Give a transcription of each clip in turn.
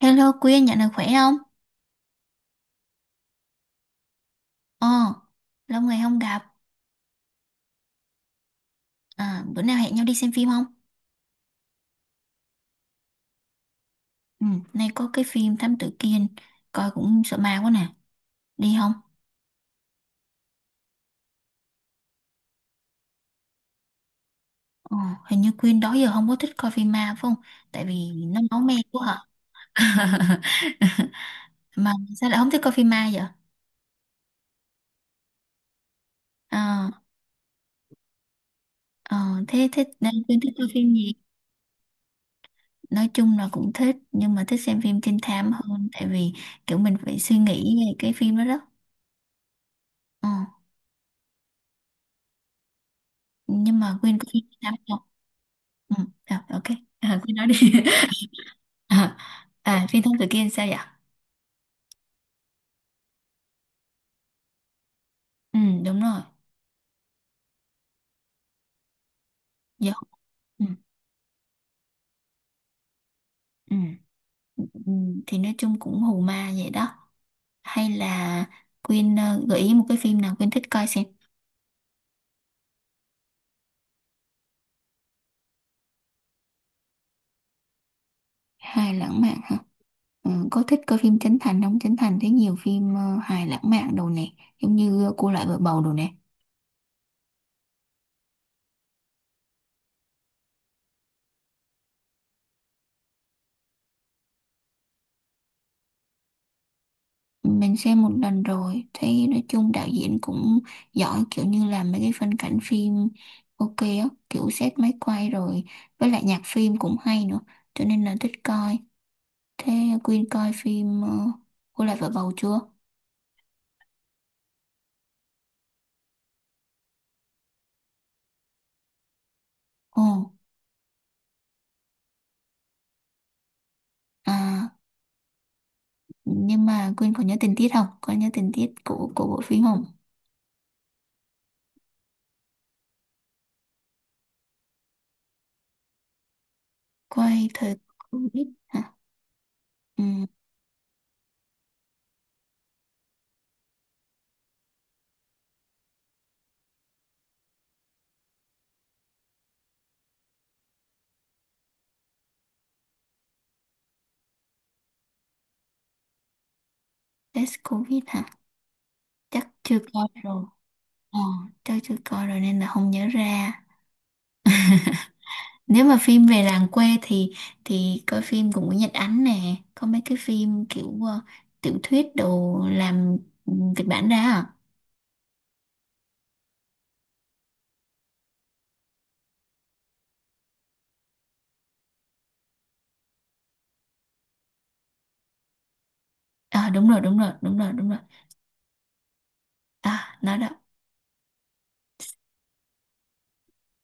Hello Quyên, nhận được khỏe không? Ờ, lâu ngày không gặp. À, bữa nào hẹn nhau đi xem phim không? Ừ, nay có cái phim Thám Tử Kiên, coi cũng sợ ma quá nè. Đi không? Ờ, hình như Quyên đó giờ không có thích coi phim ma phải không? Tại vì nó máu me quá hả? Mà sao lại không thích coi phim ma vậy? Ờ, ờ, thế thích nên Quyên thích coi phim gì? Nói chung là cũng thích, nhưng mà thích xem phim trinh thám hơn. Tại vì kiểu mình phải suy nghĩ về cái phim đó đó. Ờ, nhưng mà Quyên có phim trinh thám không? Ừ, à, ok. À, cứ nói đi. À, à, phi thân tự kiên sao vậy? Ừ, đúng rồi. Dạ. Ừ, ừ, ừ. Thì nói chung cũng hù ma vậy đó. Hay là Quyên gợi ý một cái phim nào Quyên thích coi xem. Hài lãng mạn hả? Ừ, có thích coi phim Trấn Thành không? Trấn Thành thấy nhiều phim hài lãng mạn đồ nè. Giống như Cô Lại Vợ Bầu đồ nè. Mình xem một lần rồi, thấy nói chung đạo diễn cũng giỏi kiểu như là mấy cái phân cảnh phim ok á, kiểu xét máy quay rồi, với lại nhạc phim cũng hay nữa, cho nên là thích coi. Thế Quyên coi phim Cô lại vợ bầu chưa? Ồ, à, nhưng mà Quyên có nhớ tình tiết không? Có nhớ tình tiết của bộ phim không? Quay thời Covid hả? Ừ, test Covid hả? Chắc chưa coi rồi. Ờ, chắc chưa coi rồi nên là không nhớ ra. Nếu mà phim về làng quê thì coi phim cũng của Nguyễn Nhật Ánh nè, có mấy cái phim kiểu tiểu thuyết đồ làm kịch bản ra à. Ờ, đúng rồi, đúng rồi, đúng rồi, đúng rồi. À nó đó.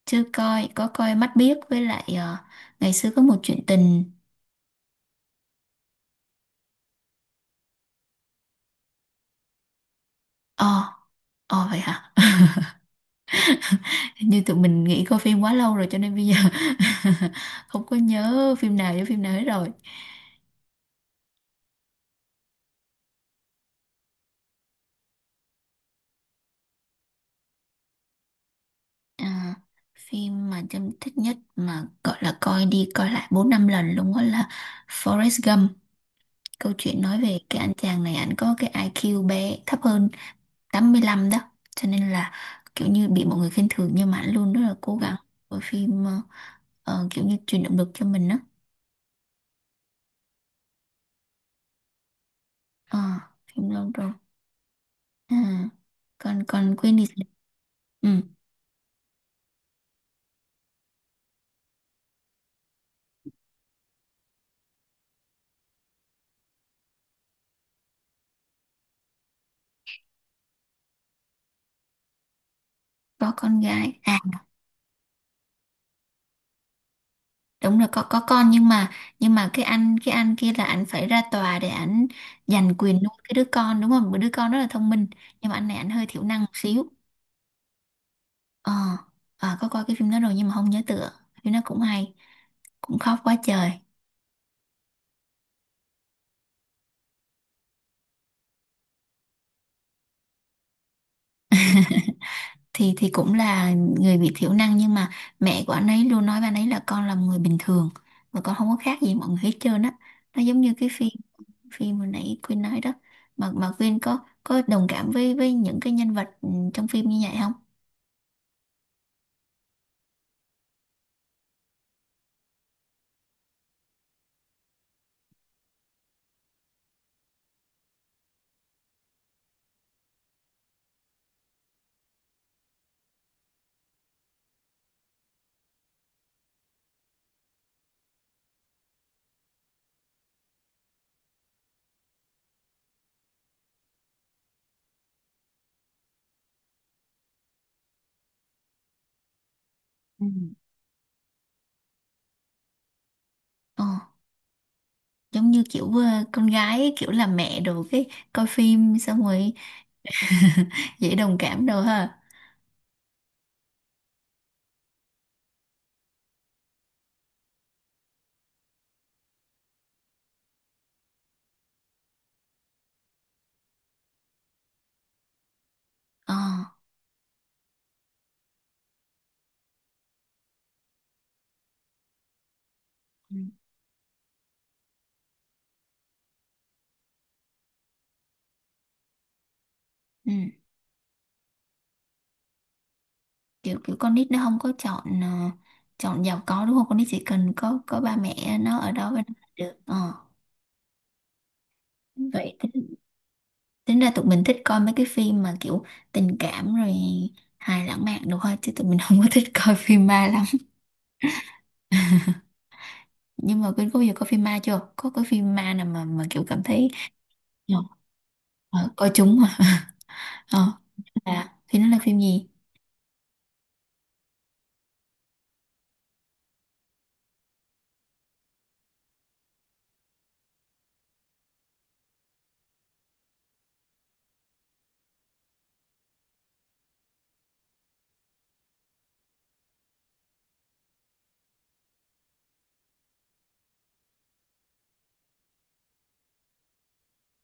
Chưa coi, có coi Mắt Biếc với lại ngày xưa có một chuyện tình. ờ ờ vậy hả? Như tụi mình nghỉ coi phim quá lâu rồi cho nên bây giờ không có nhớ phim nào với phim nào hết rồi. À, phim mà Trâm thích nhất mà gọi là coi đi coi lại 4 5 lần luôn đó là Forrest Gump. Câu chuyện nói về cái anh chàng này, anh có cái IQ bé thấp hơn 85 đó. Cho nên là kiểu như bị mọi người khinh thường, nhưng mà anh luôn rất là cố gắng. Bộ phim kiểu như truyền động lực cho mình đó. Ờ, phim lâu rồi. À, còn còn quên đi. Ừ, có con gái. À, đúng là có con, nhưng mà cái anh kia là anh phải ra tòa để anh giành quyền nuôi cái đứa con đúng không? Một đứa con rất là thông minh, nhưng mà anh này anh hơi thiểu năng một xíu. Ờ, à, có coi cái phim đó rồi nhưng mà không nhớ tựa. Phim nó cũng hay, cũng khóc quá trời. Thì cũng là người bị thiểu năng, nhưng mà mẹ của anh ấy luôn nói với anh ấy là con là một người bình thường, mà con không có khác gì mọi người hết trơn á. Nó giống như cái phim phim hồi nãy Quyên nói đó. Mà Quyên có đồng cảm với những cái nhân vật trong phim như vậy không? Ừ. Ờ, giống như kiểu con gái ấy, kiểu là mẹ đồ, cái coi phim xong rồi dễ đồng cảm đồ ha. Ờ. Ừ. Ừ. kiểu kiểu con nít nó không có chọn chọn giàu có đúng không? Con nít chỉ cần có ba mẹ nó ở đó với nó là được. Ờ Vậy tính ra tụi mình thích coi mấy cái phim mà kiểu tình cảm rồi hài lãng mạn đồ ha, chứ tụi mình không có thích coi phim ma lắm. Nhưng mà Quyên có bao giờ coi phim ma chưa? Có cái phim ma nào mà kiểu cảm thấy? Ờ, coi chúng mà. Ờ, là thì nó là phim gì?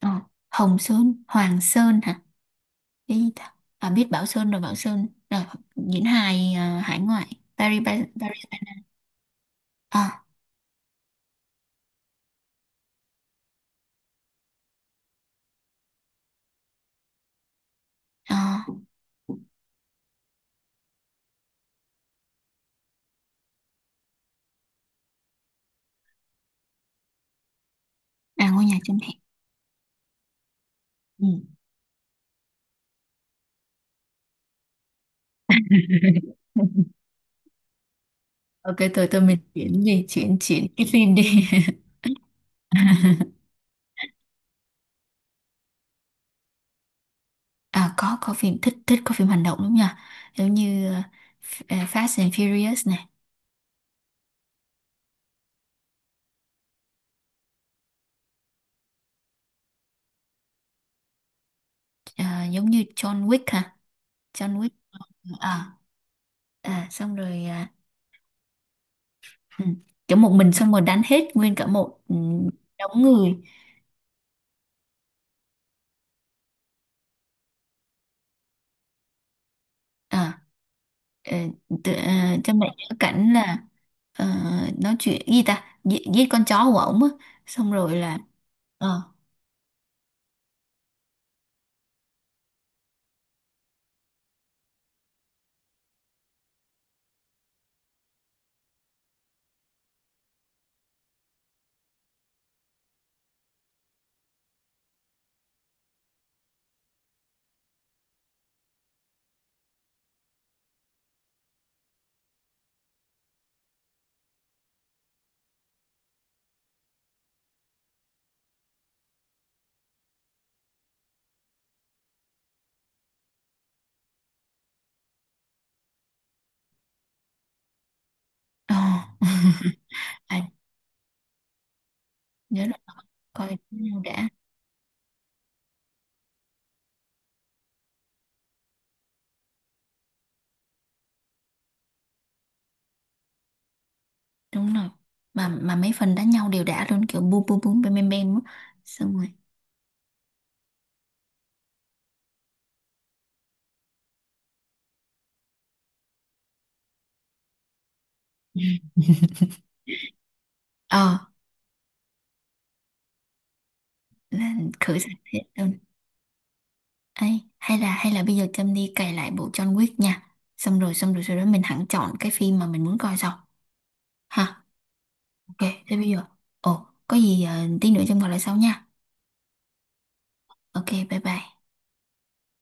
Ờ, Hồng Sơn, Hoàng Sơn hả? Cái gì ta? À, biết Bảo Sơn rồi, Bảo Sơn rồi, diễn hài à, hải ngoại, Paris, Paris, Paris. ờ, à, À, ngôi nhà trên hè. Ừ. Ok, tôi mình chuyển gì, chuyển chuyển cái phim đi. À, có phim thích, có phim hành động đúng nhỉ? Giống như Fast and Furious này. Ờ, giống như John Wick hả? John Wick. À, à, xong rồi à. Ừ. Kiểu một mình xong rồi đánh hết nguyên cả một đống người. à ờ, tự- ờ, cho mẹ nhớ cảnh là ờ, nói chuyện gì ta, giết con chó của ổng á, xong rồi là ờ ờ, à, nhớ rồi. Coi đánh nhau đã. Đúng rồi, mà mấy phần đánh nhau đều đã luôn, kiểu bum bum bum bem bem bem á. Xong rồi ờ là khử sạch hết. Ấy, hay là bây giờ Trâm đi cày lại bộ John Wick nha. Xong rồi, xong rồi sau đó mình hẳn chọn cái phim mà mình muốn coi sau. Ha, ok, thế bây giờ. Ồ, có gì tí nữa Trâm gọi lại sau nha. Ok, bye bye.